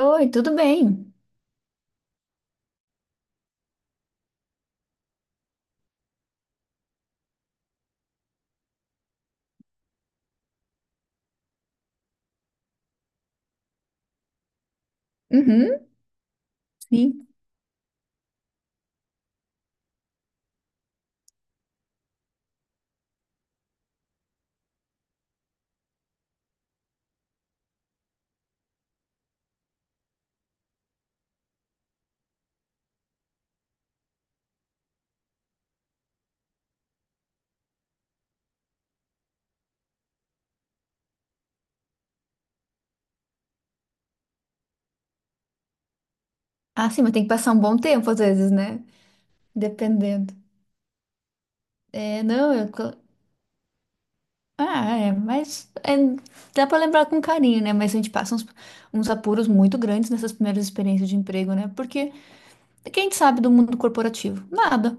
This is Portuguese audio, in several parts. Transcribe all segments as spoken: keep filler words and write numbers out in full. Oi, tudo bem? Uhum, sim. Ah, sim, mas tem que passar um bom tempo às vezes, né? Dependendo. É, não, eu. co- Ah, é, mas é, dá pra lembrar com carinho, né? Mas a gente passa uns, uns apuros muito grandes nessas primeiras experiências de emprego, né? Porque quem sabe do mundo corporativo? Nada.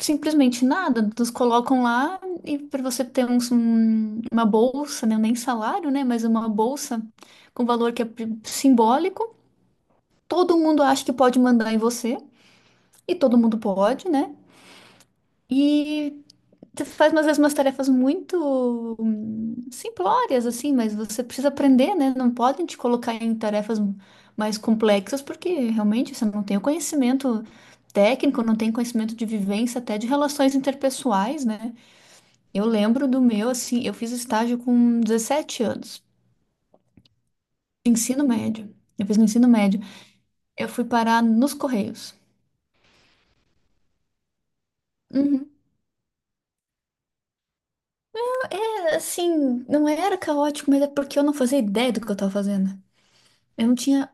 Simplesmente nada. Nos colocam lá e para você ter uns- um, uma bolsa, né? Nem salário, né? Mas uma bolsa com valor que é pri- simbólico. Todo mundo acha que pode mandar em você. E todo mundo pode, né? E tu faz às vezes umas tarefas muito hum, simplórias, assim, mas você precisa aprender, né? Não podem te colocar em tarefas mais complexas, porque realmente você não tem o conhecimento técnico, não tem conhecimento de vivência, até de relações interpessoais, né? Eu lembro do meu, assim, eu fiz estágio com dezessete anos, ensino médio. Eu fiz no ensino médio. Eu fui parar nos Correios. Uhum. É, assim, não era caótico, mas é porque eu não fazia ideia do que eu tava fazendo. Eu não tinha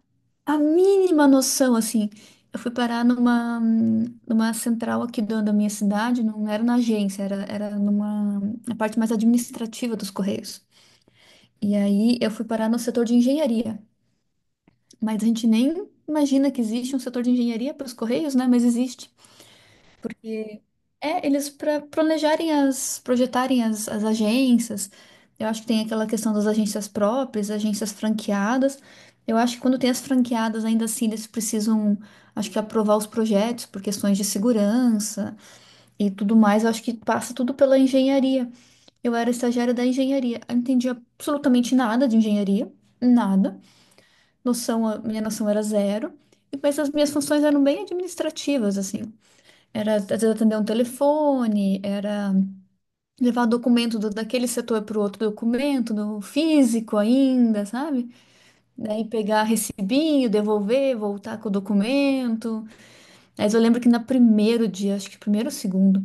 a mínima noção, assim. Eu fui parar numa, hum, numa central aqui do- da minha cidade, não era na agência, era, era numa, na parte mais administrativa dos Correios. E aí eu fui parar no setor de engenharia. Mas a gente nem imagina que existe um setor de engenharia para os Correios, né? Mas existe. É, eles para planejarem as, projetarem as, as agências. Eu acho que tem aquela questão das agências próprias, agências franqueadas. Eu acho que quando tem as franqueadas, ainda assim, eles precisam, acho que aprovar os projetos por questões de segurança e tudo mais. Eu acho que passa tudo pela engenharia. Eu era estagiária da engenharia. Eu não entendi absolutamente nada de engenharia, nada. Noção, a minha noção era zero. E- Mas as minhas funções eram bem administrativas, assim. Era, às vezes, atender um telefone, era levar documento do- daquele setor para o outro documento, no físico ainda, sabe? Daí pegar recibinho, devolver, voltar com o documento. Mas eu lembro que no primeiro dia, acho que primeiro ou segundo,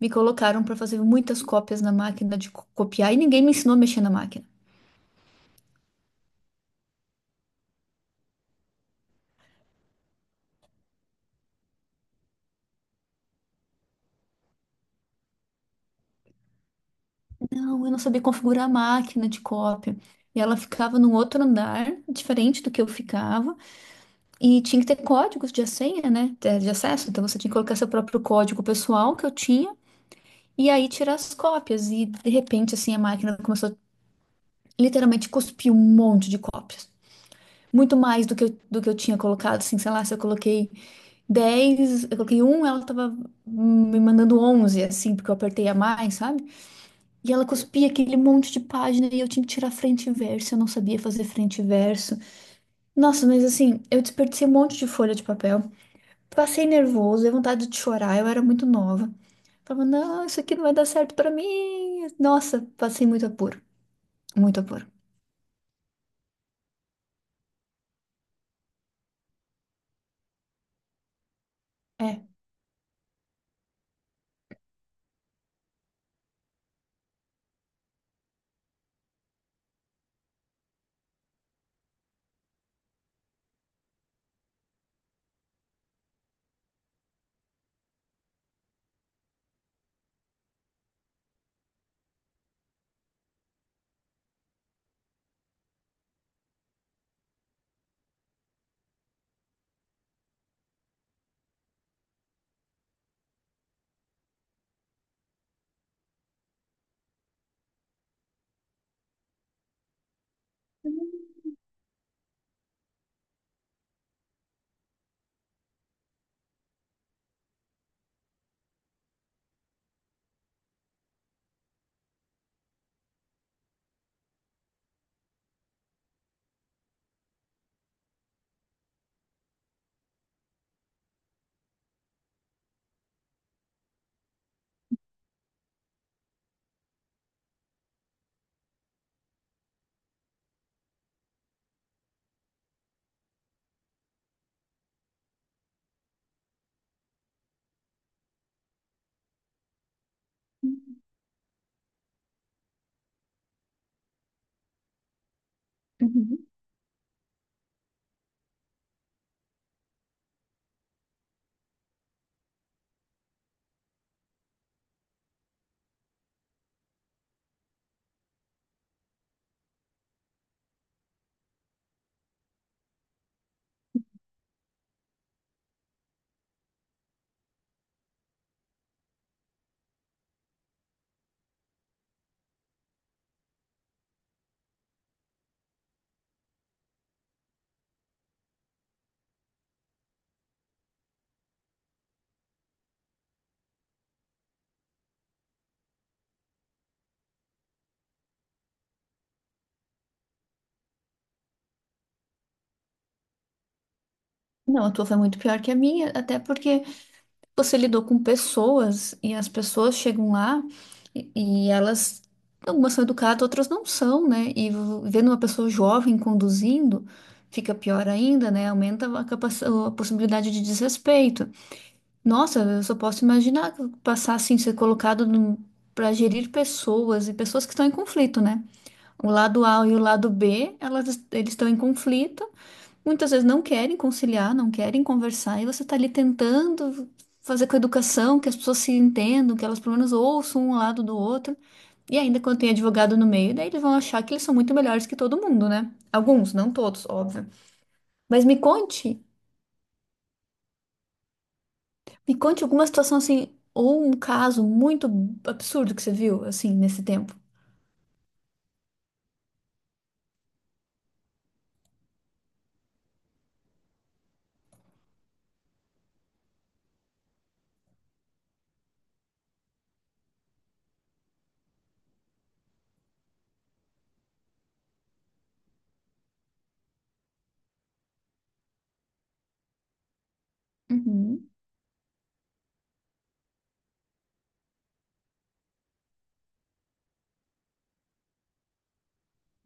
me colocaram para fazer muitas cópias na máquina de co- copiar e ninguém me ensinou a mexer na máquina. Não, eu não sabia configurar a máquina de cópia. E ela ficava num outro andar, diferente do que eu ficava, e tinha que ter códigos de senha, né? De de acesso. Então você tinha que colocar seu próprio código pessoal que eu tinha. E aí tirar as cópias. E de repente, assim, a máquina começou a literalmente cuspir um monte de cópias. Muito mais do que eu, do que eu tinha colocado, assim, sei lá, se eu coloquei dez eu coloquei um, ela tava hum, me mandando onze assim, porque eu apertei a mais, sabe? E ela cuspia aquele monte de página e eu tinha que tirar frente e verso, eu não sabia fazer frente e verso. Nossa, mas assim, eu desperdicei um monte de folha de papel. Passei nervoso, dei vontade de chorar, eu era muito nova. Falava, não, isso aqui não vai dar certo pra mim. Nossa, passei muito apuro, muito apuro. É. Uhum. Não, a tua foi muito pior que a minha, até porque você lidou com pessoas e as pessoas chegam lá e, e elas, algumas são educadas, outras não são, né? E v- vendo uma pessoa jovem conduzindo, fica pior ainda, né? Aumenta a, capaci- a possibilidade de desrespeito. Nossa, eu só posso imaginar passar assim, ser colocado para gerir pessoas e pessoas que estão em conflito, né? O lado á e o lado bê, elas, eles estão em conflito, muitas vezes não querem conciliar, não querem conversar, e você está ali tentando fazer com a educação, que as pessoas se entendam, que elas pelo menos ouçam um lado do outro, e ainda quando tem advogado no meio, daí eles vão achar que eles são muito melhores que todo mundo, né? Alguns, não todos, óbvio. Mas me conte. Me conte alguma situação assim, ou um caso muito absurdo que você viu, assim, nesse tempo. Uhum,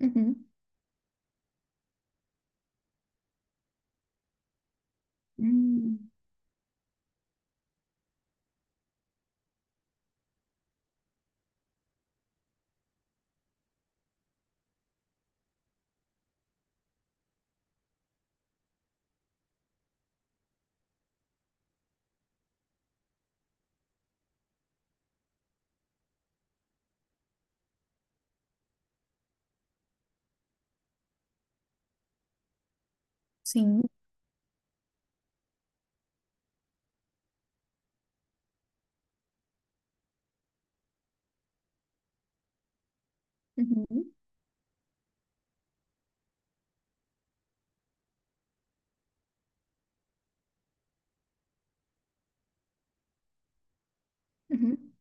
uhum. Hum, sim. Uhum, uhum.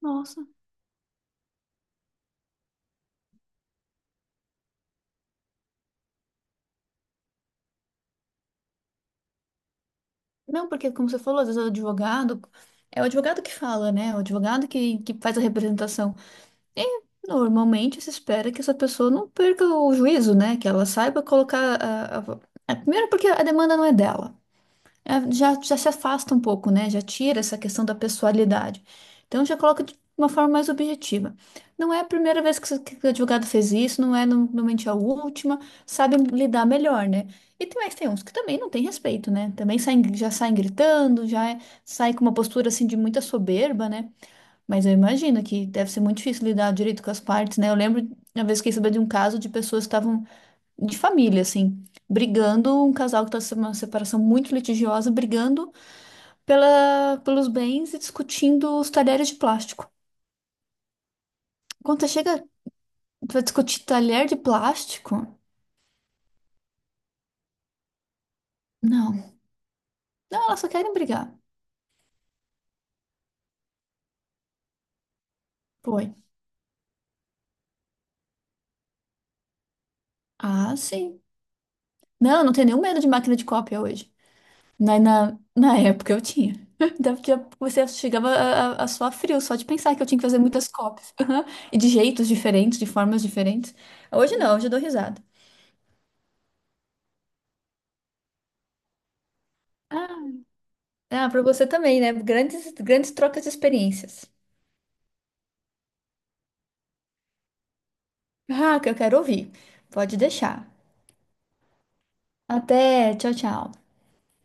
Nossa. Não, porque como você falou, às vezes o advogado, é o advogado que fala, né? O advogado que, que faz a representação. E normalmente se espera que essa pessoa não perca o juízo, né? Que ela saiba colocar a, a- a- primeiro porque a demanda não é dela. É, Já, já se afasta um pouco, né? Já tira essa questão da pessoalidade. Então já coloca de uma forma mais objetiva. Não é a primeira vez que, você- que o advogado fez isso, não é normalmente a última, sabe lidar melhor, né? E tem, mas tem uns que também não tem respeito, né? Também saem, já saem gritando, já é- saem com uma postura assim de muita soberba, né? Mas eu imagino que deve ser muito difícil lidar direito com as partes, né? Eu lembro uma vez que soube de um caso de pessoas que estavam de família, assim, brigando, um casal que estava numa separação muito litigiosa, brigando pela, pelos bens e discutindo os talheres de plástico. Quando você chega para discutir talher de plástico, não. Não, elas só querem brigar. Foi. Ah, sim. Não, não tem nenhum medo de máquina de cópia hoje. Na, na, na época eu tinha. Dava- tinha- Você chegava a, a, a suar frio só de pensar que eu tinha que fazer muitas cópias. Aham. E de jeitos diferentes, de formas diferentes. Hoje não, hoje eu dou risada. Ah, ah, para você também, né? Grandes, grandes trocas de experiências. Ah, que eu quero ouvir. Pode deixar. Até, tchau, tchau.